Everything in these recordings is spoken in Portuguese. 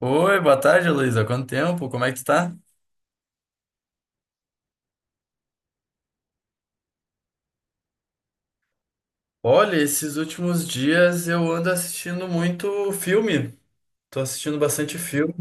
Oi, boa tarde, Luísa. Quanto tempo? Como é que tu tá? Olha, esses últimos dias eu ando assistindo muito filme. Tô assistindo bastante filme.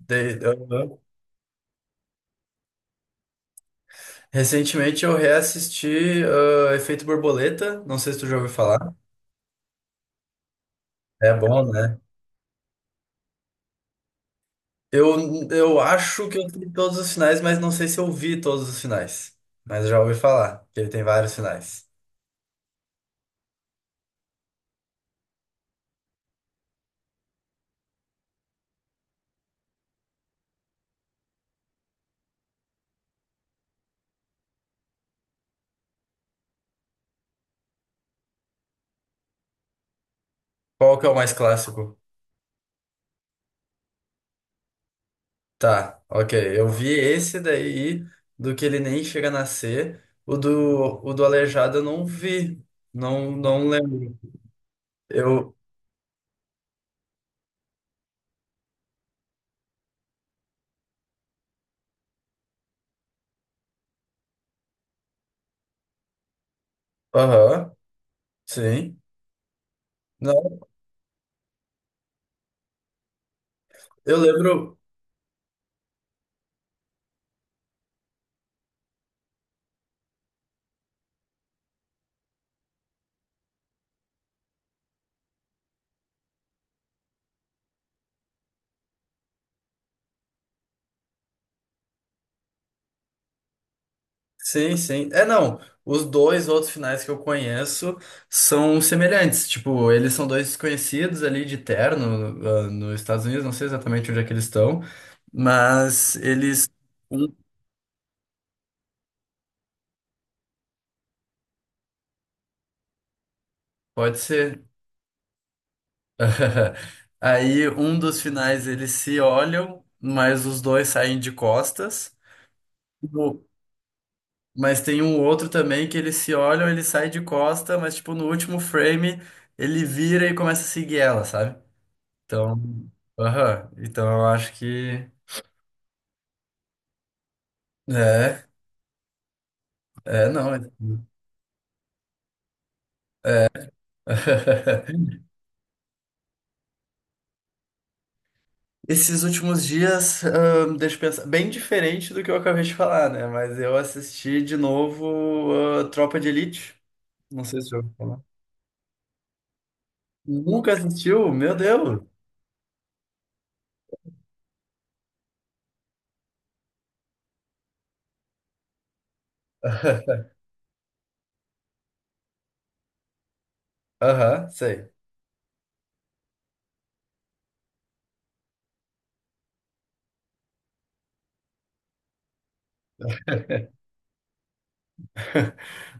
Aham. Recentemente eu reassisti Efeito Borboleta. Não sei se tu já ouviu falar. É bom, né? Eu acho que eu vi todos os finais, mas não sei se eu vi todos os finais. Mas eu já ouvi falar que ele tem vários finais. Qual que é o mais clássico? Tá, ok. Eu vi esse daí do que ele nem chega a nascer. O do Aleijado eu não vi. Não, não lembro. Eu. Aham, sim. Não, eu lembro. Sim, sim. É, não. Os dois outros finais que eu conheço são semelhantes. Tipo, eles são dois desconhecidos ali de terno, nos Estados Unidos. Não sei exatamente onde é que eles estão. Mas eles. um- Pode ser. Aí um dos finais eles se olham, mas os dois saem de costas. Tipo, mas tem um outro também que eles se olham, ele sai de costa, mas tipo no último frame ele vira e começa a seguir ela, sabe? Então, aham. Então eu acho que é, é não. Esses últimos dias, deixa eu pensar, bem diferente do que eu acabei de falar, né? Mas eu assisti de novo, Tropa de Elite. Não sei se eu nunca assistiu. Meu Deus! Aham, sei.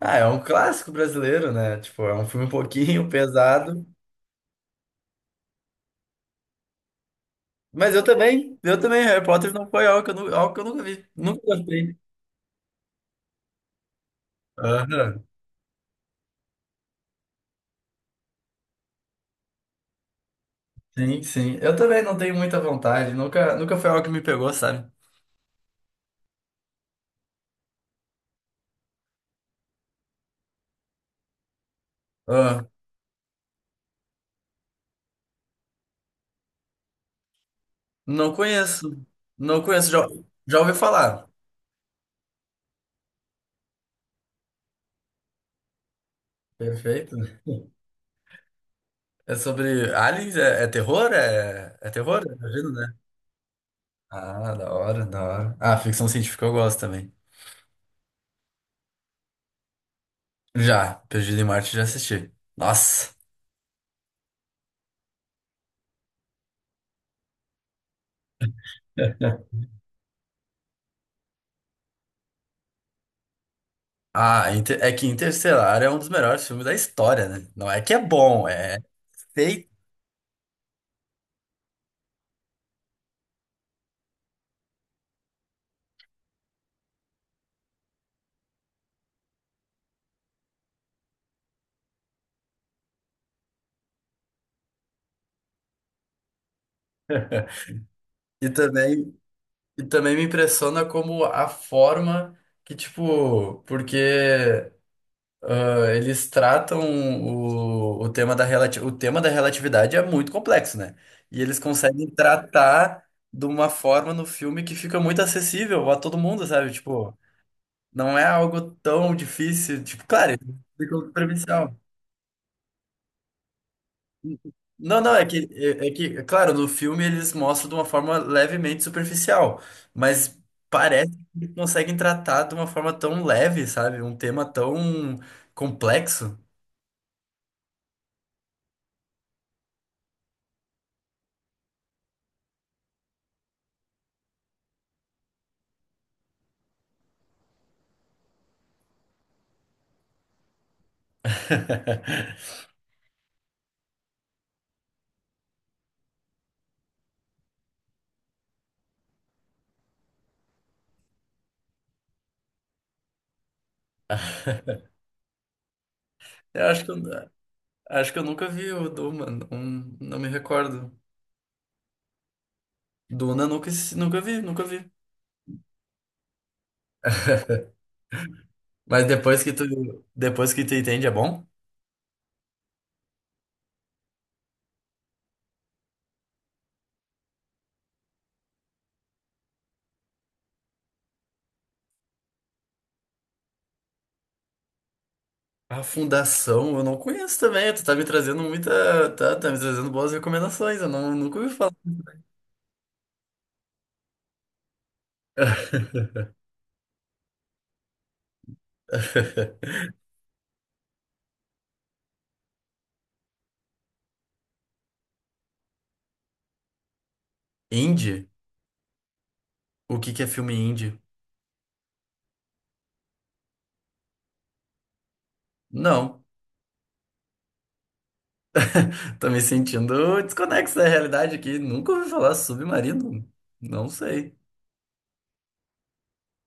Ah, é um clássico brasileiro, né? Tipo, é um filme um pouquinho pesado. Mas eu também, Harry Potter não foi algo que algo que eu nunca vi. Nunca gostei. Aham. Sim, sim. Eu também não tenho muita vontade. Nunca foi algo que me pegou, sabe? Ah, não conheço. Não conheço. Já, já ouvi falar. Perfeito, né? É sobre aliens? É terror? É terror? Imagino, né? Ah, da hora, da hora. Ah, ficção científica eu gosto também. Já, Perdido em Marte já assisti. Nossa. É que Interestelar é um dos melhores filmes da história, né? Não é que é bom, é feito. E também, e também me impressiona como a forma que, tipo, porque eles tratam o tema da o tema da relatividade é muito complexo, né? E eles conseguem tratar de uma forma no filme que fica muito acessível a todo mundo, sabe? Tipo, não é algo tão difícil, tipo, claro, ficou superficial. Não, não, é que, é claro, no filme eles mostram de uma forma levemente superficial, mas parece que eles conseguem tratar de uma forma tão leve, sabe? Um tema tão complexo. Eu acho que eu, acho que eu nunca vi o Duna, não, não me recordo. Duna nunca, Nunca vi, nunca vi. Mas depois que tu entende, é bom? A Fundação, eu não conheço também. Tu tá me trazendo muita. Tá, tá me trazendo boas recomendações. Eu não, nunca ouvi falar. Indie? O que que é filme indie? Não. Tô me sentindo desconexo da realidade aqui. Nunca ouvi falar Submarino. Não sei.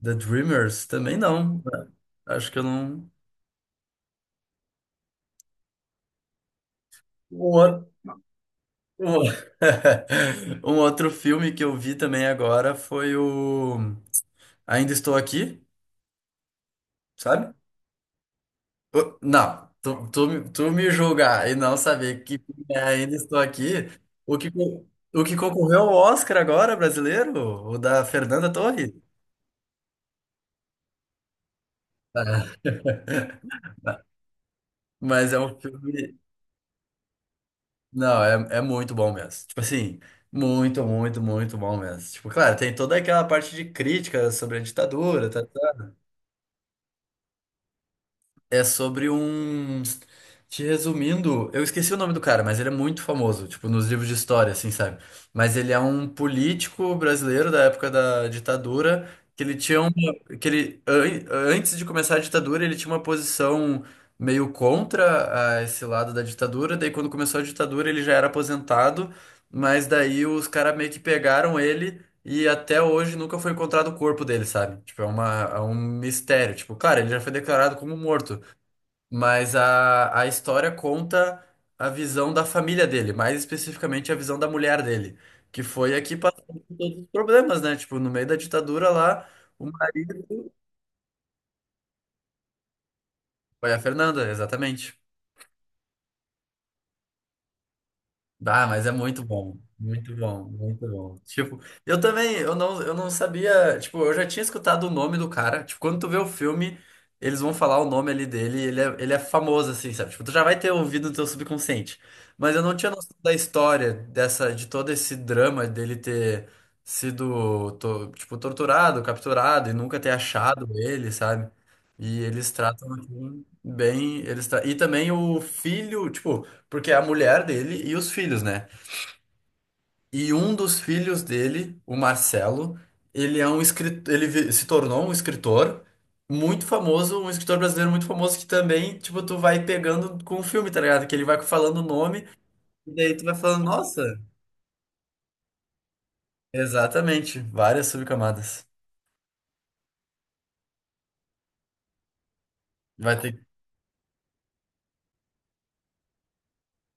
The Dreamers? Também não, né? Acho que eu não. Um, outro- um um outro filme que eu vi também agora foi o Ainda Estou Aqui, sabe? Ô, não, tu me julgar e não saber que ainda estou aqui, o que, co- o que concorreu ao Oscar agora, brasileiro, o da Fernanda Torres. Ah. Mas é um filme. Não, é, é muito bom mesmo. Tipo assim, muito, muito, muito bom mesmo. Tipo, claro, tem toda aquela parte de crítica sobre a ditadura, tá? É sobre um. Te resumindo, eu esqueci o nome do cara, mas ele é muito famoso, tipo, nos livros de história, assim, sabe? Mas ele é um político brasileiro da época da ditadura, que ele tinha uma, que antes de começar a ditadura, ele tinha uma posição meio contra a esse lado da ditadura, daí quando começou a ditadura ele já era aposentado, mas daí os caras meio que pegaram ele e até hoje nunca foi encontrado o corpo dele, sabe? Tipo, é uma, é um mistério. Tipo, claro, ele já foi declarado como morto, mas a história conta a visão da família dele, mais especificamente a visão da mulher dele, que foi aqui que por todos os problemas, né? Tipo, no meio da ditadura lá, o marido. Foi a Fernanda, exatamente. Dá, mas é muito bom. Muito bom, muito bom. Tipo, eu também, eu não sabia, tipo, eu já tinha escutado o nome do cara. Tipo, quando tu vê o filme, eles vão falar o nome ali dele, e ele é famoso, assim, sabe? Tipo, tu já vai ter ouvido no teu subconsciente. Mas eu não tinha noção da história dessa, de todo esse drama dele ter tipo, torturado, capturado e nunca ter achado ele, sabe? E eles tratam aquilo bem, e também o filho, tipo porque é a mulher dele e os filhos, né? E um dos filhos dele, o Marcelo, ele é um escritor, se tornou um escritor muito famoso, um escritor brasileiro muito famoso que também, tipo, tu vai pegando com o filme, tá ligado? Que ele vai falando o nome e daí tu vai falando, nossa, exatamente, várias subcamadas. Vai ter.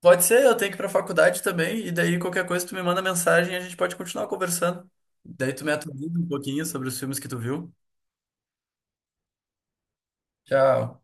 Pode ser, eu tenho que ir pra faculdade também e daí qualquer coisa tu me manda mensagem e a gente pode continuar conversando. Daí tu me atualiza um pouquinho sobre os filmes que tu viu. Tchau.